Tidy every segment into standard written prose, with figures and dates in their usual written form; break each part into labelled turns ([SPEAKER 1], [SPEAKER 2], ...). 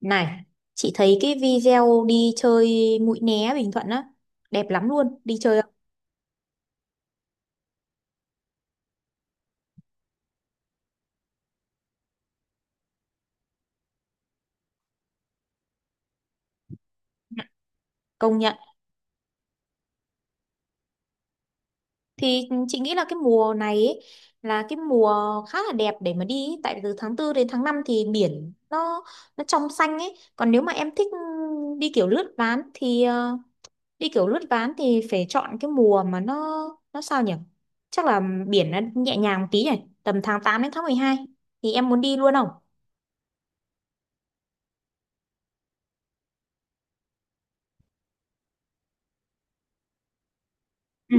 [SPEAKER 1] Này, chị thấy cái video đi chơi Mũi Né Bình Thuận á, đẹp lắm luôn, đi chơi không? Dạ, công nhận. Thì chị nghĩ là cái mùa này ấy, là cái mùa khá là đẹp để mà đi ấy. Tại vì từ tháng tư đến tháng 5 thì biển nó trong xanh ấy. Còn nếu mà em thích đi kiểu lướt ván thì đi kiểu lướt ván thì phải chọn cái mùa mà nó sao nhỉ? Chắc là biển nó nhẹ nhàng một tí nhỉ, tầm tháng 8 đến tháng 12 thì em muốn đi luôn không? Ừ,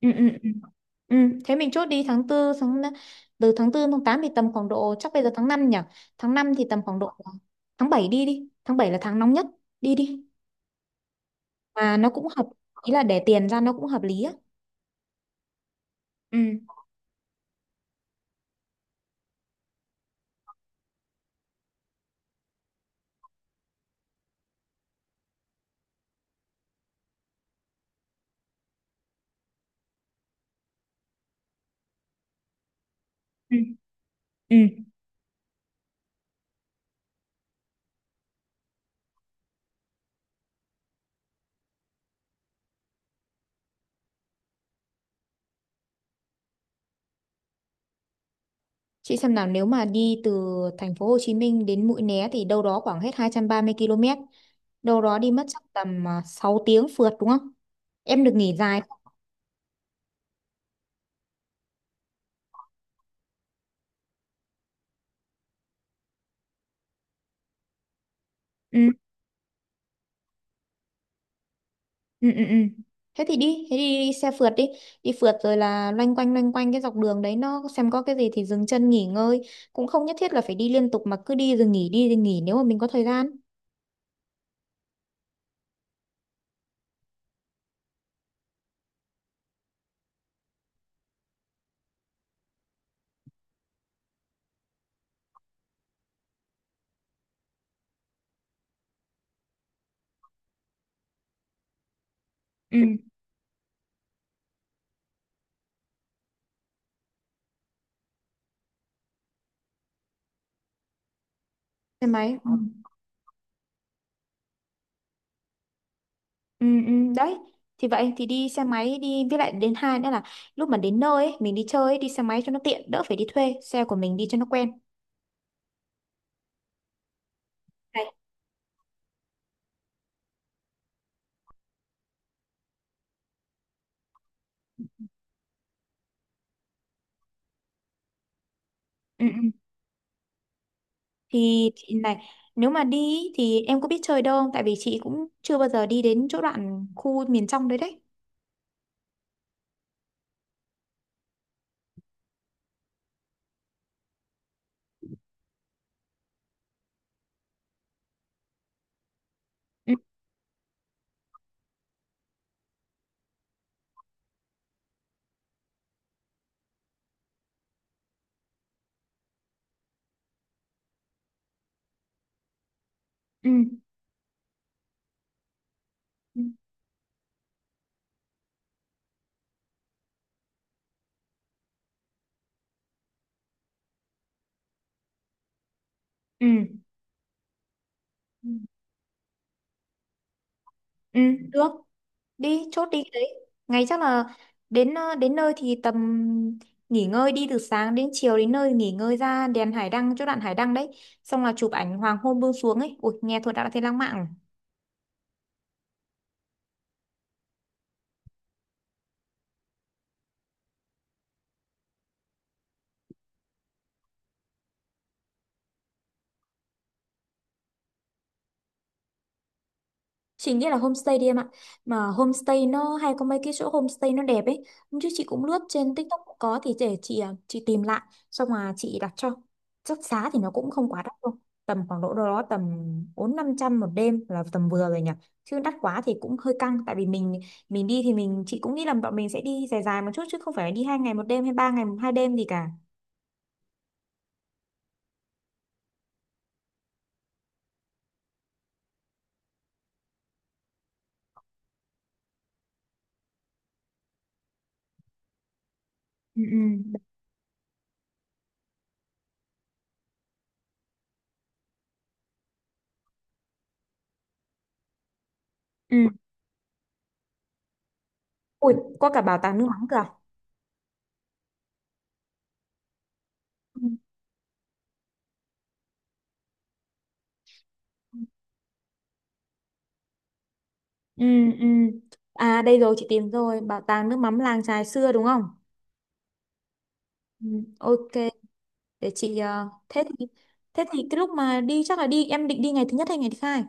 [SPEAKER 1] ừ, ừ. Ừ. Ừ, thế mình chốt đi tháng tư tháng từ tháng tư tháng 8 thì tầm khoảng độ, chắc bây giờ tháng 5 nhỉ. Tháng 5 thì tầm khoảng độ tháng 7 đi đi. Tháng 7 là tháng nóng nhất. Đi đi. Mà nó cũng hợp, ý là để tiền ra nó cũng hợp lý á. Ừ. Ừ. Ừ. Chị xem nào, nếu mà đi từ thành phố Hồ Chí Minh đến Mũi Né thì đâu đó khoảng hết 230 km. Đâu đó đi mất chắc tầm 6 tiếng phượt đúng không? Em được nghỉ dài không? Ừ. Ừ, ừ, ừ, thế thì đi thế đi, đi xe phượt đi, đi phượt rồi là loanh quanh cái dọc đường đấy nó xem có cái gì thì dừng chân nghỉ ngơi, cũng không nhất thiết là phải đi liên tục mà cứ đi rồi nghỉ, đi rồi nghỉ nếu mà mình có thời gian. Ừ, xe máy, ừ. Ừ, ừ, đấy, thì vậy thì đi xe máy đi, với lại đến hai nữa là lúc mà đến nơi ấy, mình đi chơi ấy, đi xe máy cho nó tiện, đỡ phải đi thuê xe, của mình đi cho nó quen này. Ừ, ừ. Thì chị này, nếu mà đi ý, thì em có biết chơi đâu không, tại vì chị cũng chưa bao giờ đi đến chỗ đoạn khu miền trong đấy đấy. Ừ, ừ, ừ, ừ, được, đi chốt đi cái đấy. Ngày chắc là đến đến nơi thì tầm nghỉ ngơi, đi từ sáng đến chiều đến nơi nghỉ ngơi, ra đèn hải đăng chỗ đoạn hải đăng đấy, xong là chụp ảnh hoàng hôn buông xuống ấy, ui nghe thôi đã thấy lãng mạn rồi. Chị nghĩ là homestay đi em ạ. Mà homestay nó hay có mấy cái chỗ homestay nó đẹp ấy. Hôm trước chị cũng lướt trên TikTok cũng có, thì để chị chị tìm lại xong mà chị đặt cho. Chắc giá thì nó cũng không quá đắt đâu. Tầm khoảng độ đâu đó tầm bốn năm trăm một đêm là tầm vừa rồi nhỉ. Chứ đắt quá thì cũng hơi căng, tại vì mình đi thì mình chị cũng nghĩ là bọn mình sẽ đi dài dài một chút chứ không phải đi hai ngày một đêm hay ba ngày hai đêm gì cả. Ừ, ừ. Ừ. Ui, có cả bảo tàng nước mắm cơ à? Ừ. Ừ, ừ. À đây rồi, chị tìm rồi, bảo tàng nước mắm làng chài xưa đúng không? Ừ, ok, để chị thế thì cái lúc mà đi chắc là đi, em định đi ngày thứ nhất hay ngày thứ hai?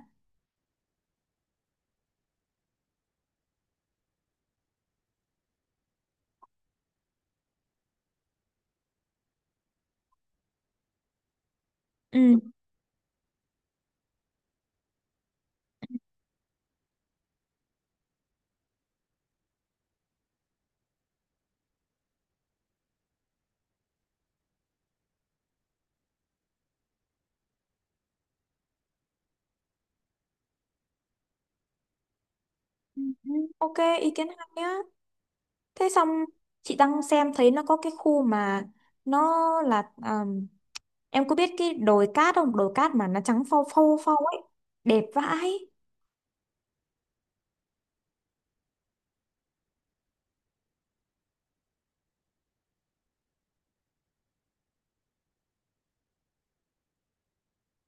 [SPEAKER 1] Ừ. Ừ, ừ, ok, ý kiến hay nhá. Thế xong chị đang xem thấy nó có cái khu mà nó là em có biết cái đồi cát không? Đồi cát mà nó trắng phau phau phau ấy, đẹp vãi.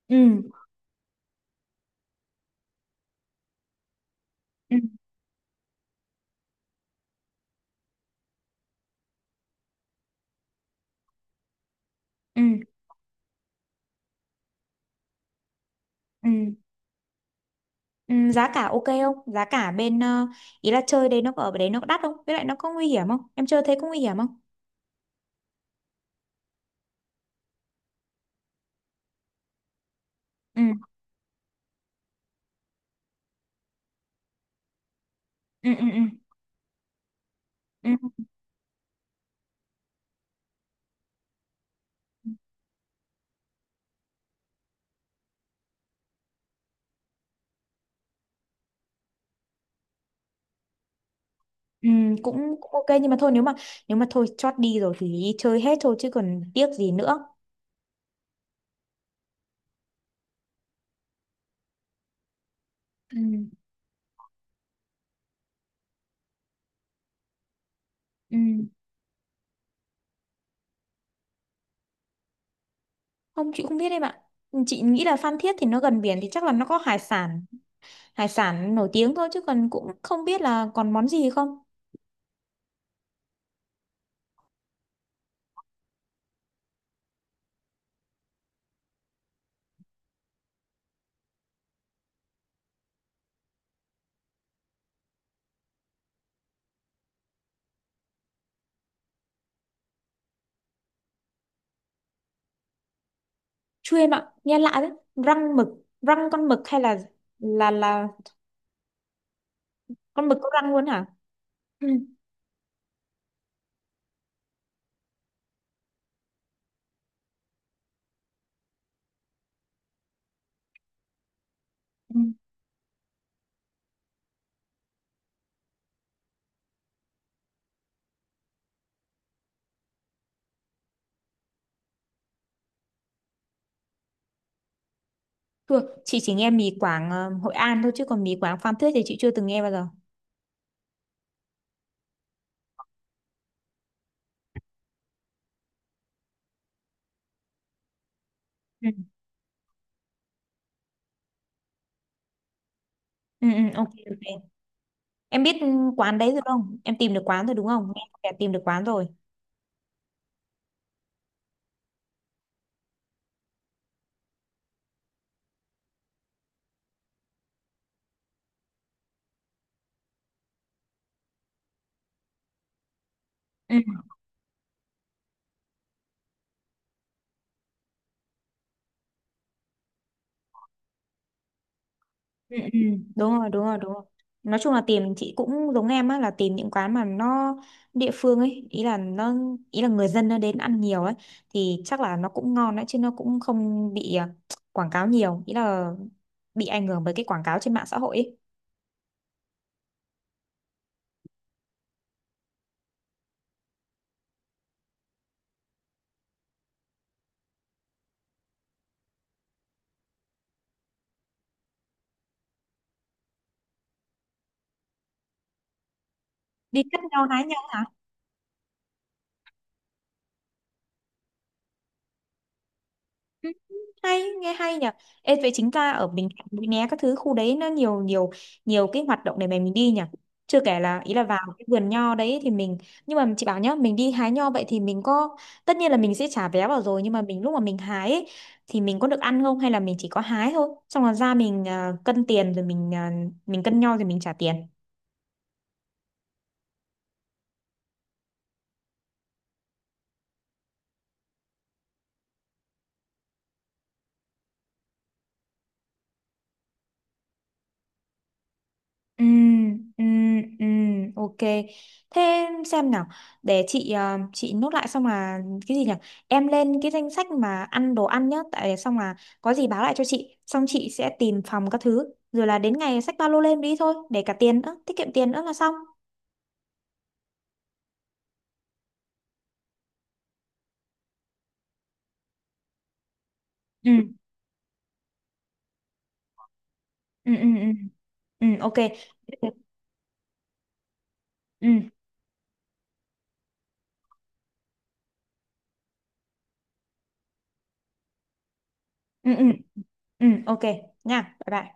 [SPEAKER 1] Ừ. Ừ. Ừ. Ừ. Ừ, giá cả ok không? Giá cả bên ý là chơi đấy nó có- ở đấy nó có đắt không? Với lại nó có nguy hiểm không? Em chơi thế có nguy hiểm không? Ừ, ừ, ừ, ừ. Ừ, ừ, cũng, cũng ok, nhưng mà thôi nếu mà thôi chót đi rồi thì đi chơi hết thôi chứ còn tiếc gì nữa. Ừ, ừ. Không, chị không biết em ạ. Chị nghĩ là Phan Thiết thì nó gần biển thì chắc là nó có hải sản nổi tiếng thôi chứ còn cũng không biết là còn món gì không. Chưa em ạ, nghe lạ đấy. Răng mực, răng con mực hay là là con mực có răng luôn hả? Ừ. Thưa, chị chỉ nghe mì Quảng Hội An thôi chứ còn mì Quảng Phan Thiết thì chị chưa từng nghe bao giờ. Ừ. Ừ, ừ, ok, ok. Em biết ừ, quán đấy rồi không? Em tìm được quán rồi đúng không? Nghe có vẻ tìm được quán rồi. Ừ, ừ, ừ. Đúng rồi, đúng rồi, đúng rồi. Nói chung là tìm chị cũng giống em á, là tìm những quán mà nó địa phương ấy, ý là nó ý là người dân nó đến ăn nhiều ấy thì chắc là nó cũng ngon đấy chứ nó cũng không bị quảng cáo nhiều, ý là bị ảnh hưởng bởi cái quảng cáo trên mạng xã hội ấy. Đi cắt nhau hái nhau. Ừ, hay nghe hay nhỉ. Ê, vậy chính ra ở Bình Thạnh Mũi Né các thứ khu đấy nó nhiều nhiều nhiều cái hoạt động để mà mình đi nhỉ, chưa kể là ý là vào cái vườn nho đấy thì mình, nhưng mà chị bảo nhá, mình đi hái nho vậy thì mình có, tất nhiên là mình sẽ trả vé vào rồi, nhưng mà mình lúc mà mình hái ấy, thì mình có được ăn không hay là mình chỉ có hái thôi, xong rồi ra mình cân tiền rồi mình mình cân nho rồi mình trả tiền. Ừ, ừ, ừ, ok. Thế xem nào, để chị chị nốt lại xong là cái gì nhỉ? Em lên cái danh sách mà ăn đồ ăn nhá, tại xong là có gì báo lại cho chị, xong chị sẽ tìm phòng các thứ, rồi là đến ngày xách ba lô lên đi thôi, để cả tiền nữa, tiết kiệm tiền nữa là xong. Ừ, ừ, ừ, ừ, ừ, ok. Ừ, ừ, ừ, ừ, ừ, ok nha, bye bye.